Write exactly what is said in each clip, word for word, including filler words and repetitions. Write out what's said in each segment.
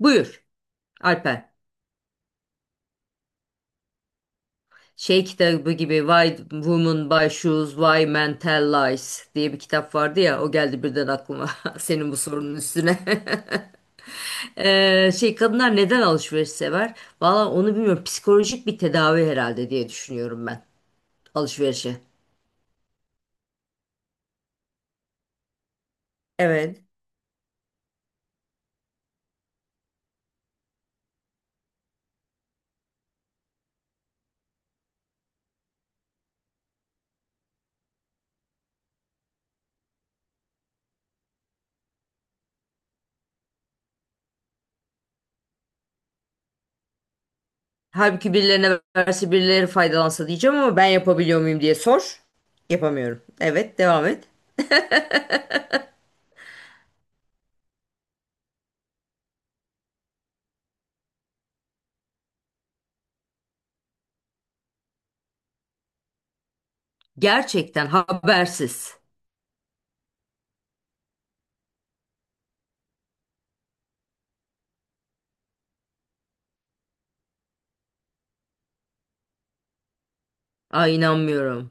Buyur Alper. Şey kitabı gibi Why Women Buy Shoes, Why Men Tell Lies diye bir kitap vardı ya o geldi birden aklıma senin bu sorunun üstüne. Ee, şey kadınlar neden alışveriş sever? Valla onu bilmiyorum, psikolojik bir tedavi herhalde diye düşünüyorum ben alışverişe. Evet. Halbuki birilerine verse birileri faydalansa diyeceğim ama ben yapabiliyor muyum diye sor. Yapamıyorum. Evet, devam et. Gerçekten habersiz. Ay inanmıyorum.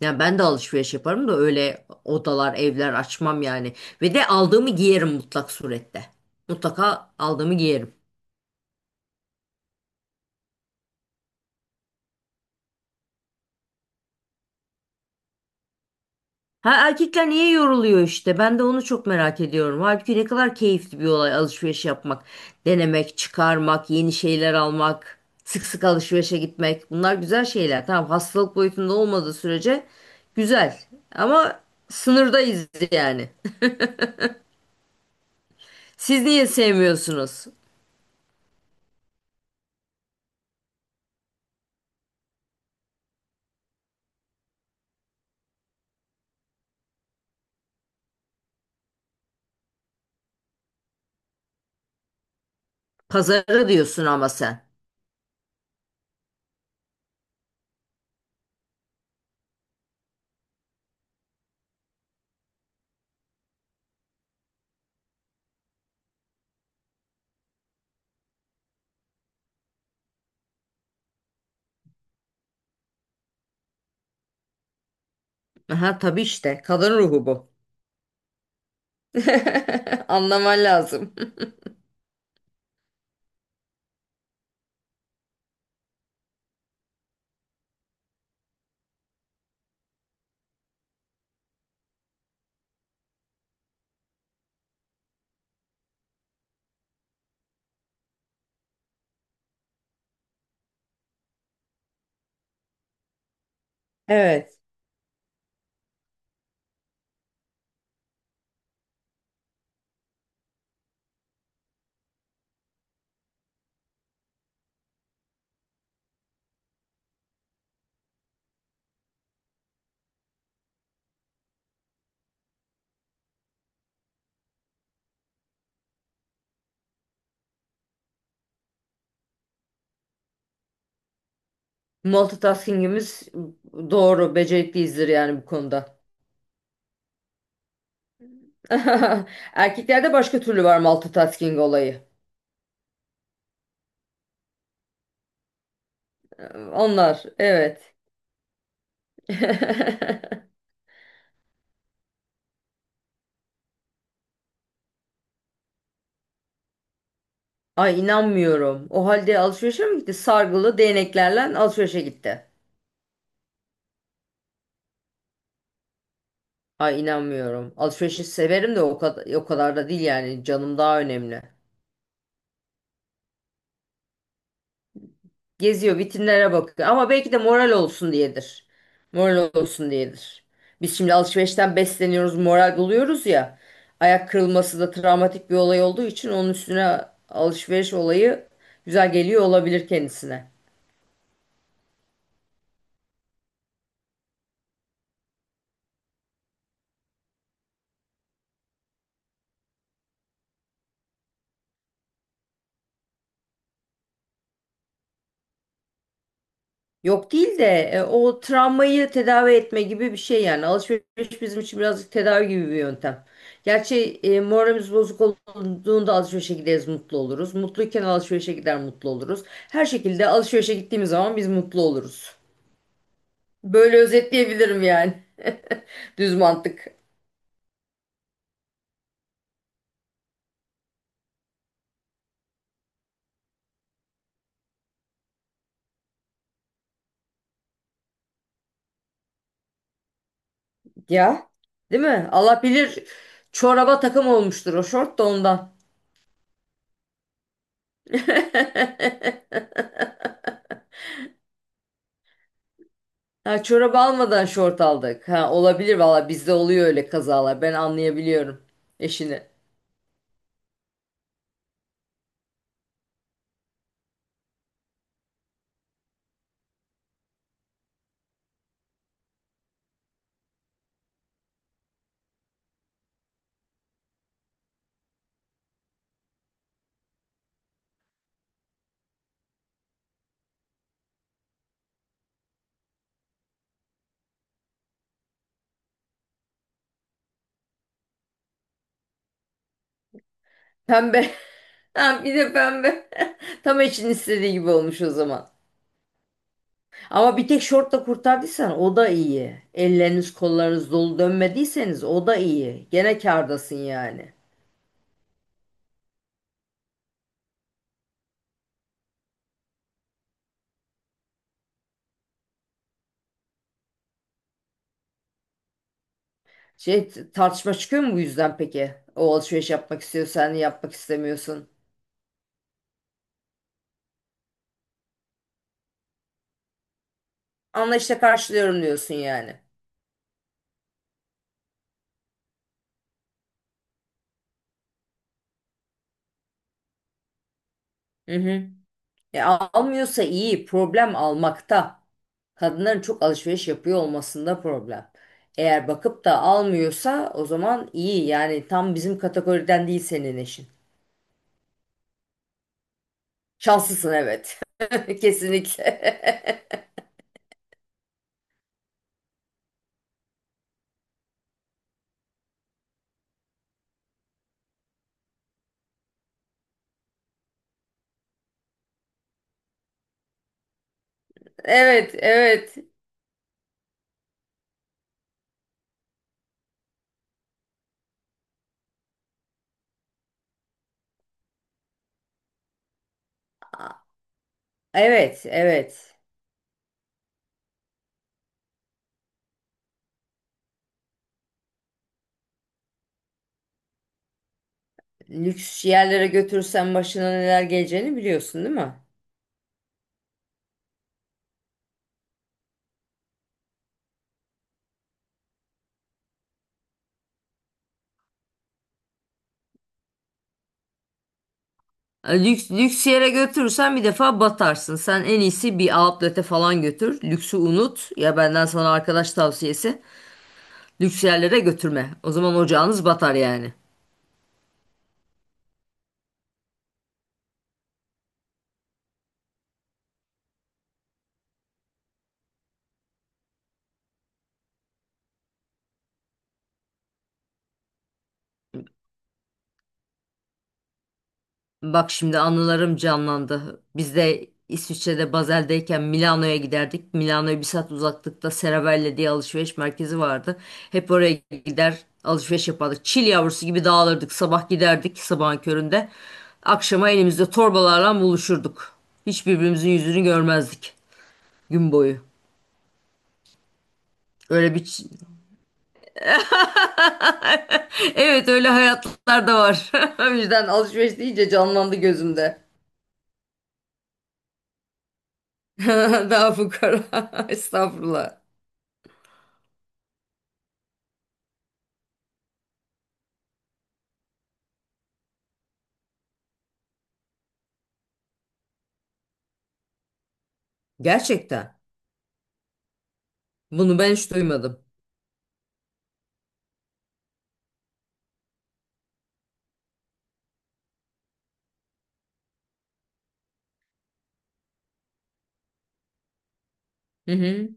Yani ben de alışveriş yaparım da öyle odalar, evler açmam yani. Ve de aldığımı giyerim mutlak surette. Mutlaka aldığımı giyerim. Ha, erkekler niye yoruluyor işte? Ben de onu çok merak ediyorum. Halbuki ne kadar keyifli bir olay alışveriş yapmak, denemek, çıkarmak, yeni şeyler almak, sık sık alışverişe gitmek. Bunlar güzel şeyler. Tamam, hastalık boyutunda olmadığı sürece güzel. Ama sınırdayız yani. Siz niye sevmiyorsunuz? Pazarı diyorsun ama sen. Aha, tabii işte kadın ruhu bu. Anlaman lazım. Evet. Multitasking'imiz doğru, becerikliyizdir yani bu konuda. Erkeklerde başka türlü var multitasking olayı. Onlar evet. Ay inanmıyorum. O halde alışverişe mi gitti? Sargılı değneklerle alışverişe gitti. Ay inanmıyorum. Alışverişi severim de o kadar, o kadar da değil yani. Canım daha önemli. Geziyor, vitrinlere bakıyor. Ama belki de moral olsun diyedir. Moral olsun diyedir. Biz şimdi alışverişten besleniyoruz, moral buluyoruz ya. Ayak kırılması da travmatik bir olay olduğu için onun üstüne alışveriş olayı güzel geliyor olabilir kendisine. Yok değil de e, o travmayı tedavi etme gibi bir şey yani. Alışveriş bizim için birazcık tedavi gibi bir yöntem. Gerçi e, moralimiz bozuk olduğunda alışverişe gideriz mutlu oluruz. Mutluyken alışverişe gider mutlu oluruz. Her şekilde alışverişe gittiğimiz zaman biz mutlu oluruz. Böyle özetleyebilirim yani. Düz mantık. Ya, değil mi? Allah bilir çoraba takım olmuştur o şort da ondan. Ha, çorap almadan şort aldık. Ha, olabilir valla bizde oluyor öyle kazalar. Ben anlayabiliyorum eşini. Pembe. Ha, bir de pembe. Tam eşinin istediği gibi olmuş o zaman. Ama bir tek şortla kurtardıysan o da iyi. Elleriniz kollarınız dolu dönmediyseniz o da iyi. Gene kârdasın yani. Şey, tartışma çıkıyor mu bu yüzden peki? O alışveriş yapmak istiyor sen yapmak istemiyorsun. Anlayışla karşılıyorum diyorsun yani. Hı hı. E, almıyorsa iyi, problem almakta. Kadınların çok alışveriş yapıyor olmasında problem. Eğer bakıp da almıyorsa o zaman iyi. Yani tam bizim kategoriden değil senin eşin. Şanslısın, evet. Kesinlikle. Evet, evet. Evet, evet. Lüks yerlere götürürsen başına neler geleceğini biliyorsun değil mi? Lüks, lüks yere götürürsen bir defa batarsın. Sen en iyisi bir outlet'e falan götür. Lüksü unut. Ya benden sana arkadaş tavsiyesi. Lüks yerlere götürme. O zaman ocağınız batar yani. Bak şimdi anılarım canlandı. Biz de İsviçre'de Basel'deyken Milano'ya giderdik. Milano'ya bir saat uzaklıkta Serravalle diye alışveriş merkezi vardı. Hep oraya gider alışveriş yapardık. Çil yavrusu gibi dağılırdık. Sabah giderdik sabahın köründe. Akşama elimizde torbalarla buluşurduk. Hiç birbirimizin yüzünü görmezdik gün boyu. Öyle bir ç- Evet, öyle hayatlar da var. O yüzden alışveriş deyince canlandı gözümde. Daha fukara. Estağfurullah. Gerçekten. Bunu ben hiç duymadım. Hı hı.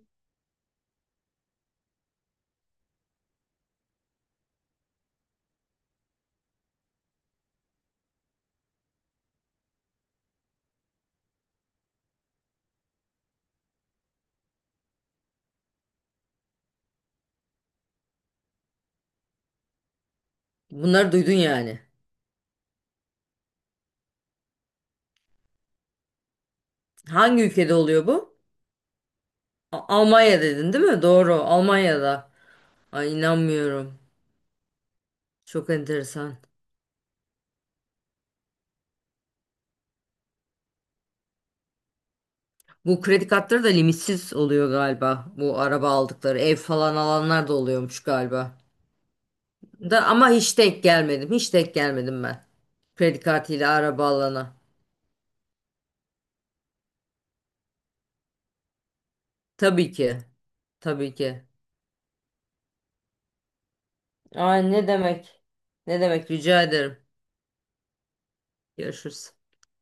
Bunları duydun yani. Hangi ülkede oluyor bu? A- Almanya dedin değil mi? Doğru. Almanya'da. Ay inanmıyorum. Çok enteresan. Bu kredi kartları da limitsiz oluyor galiba. Bu araba aldıkları, ev falan alanlar da oluyormuş galiba. Da ama hiç denk gelmedim. Hiç denk gelmedim ben. Kredi kartıyla araba alana. Tabii ki. Tabii ki. Ay ne demek? Ne demek? Rica ederim. Görüşürüz.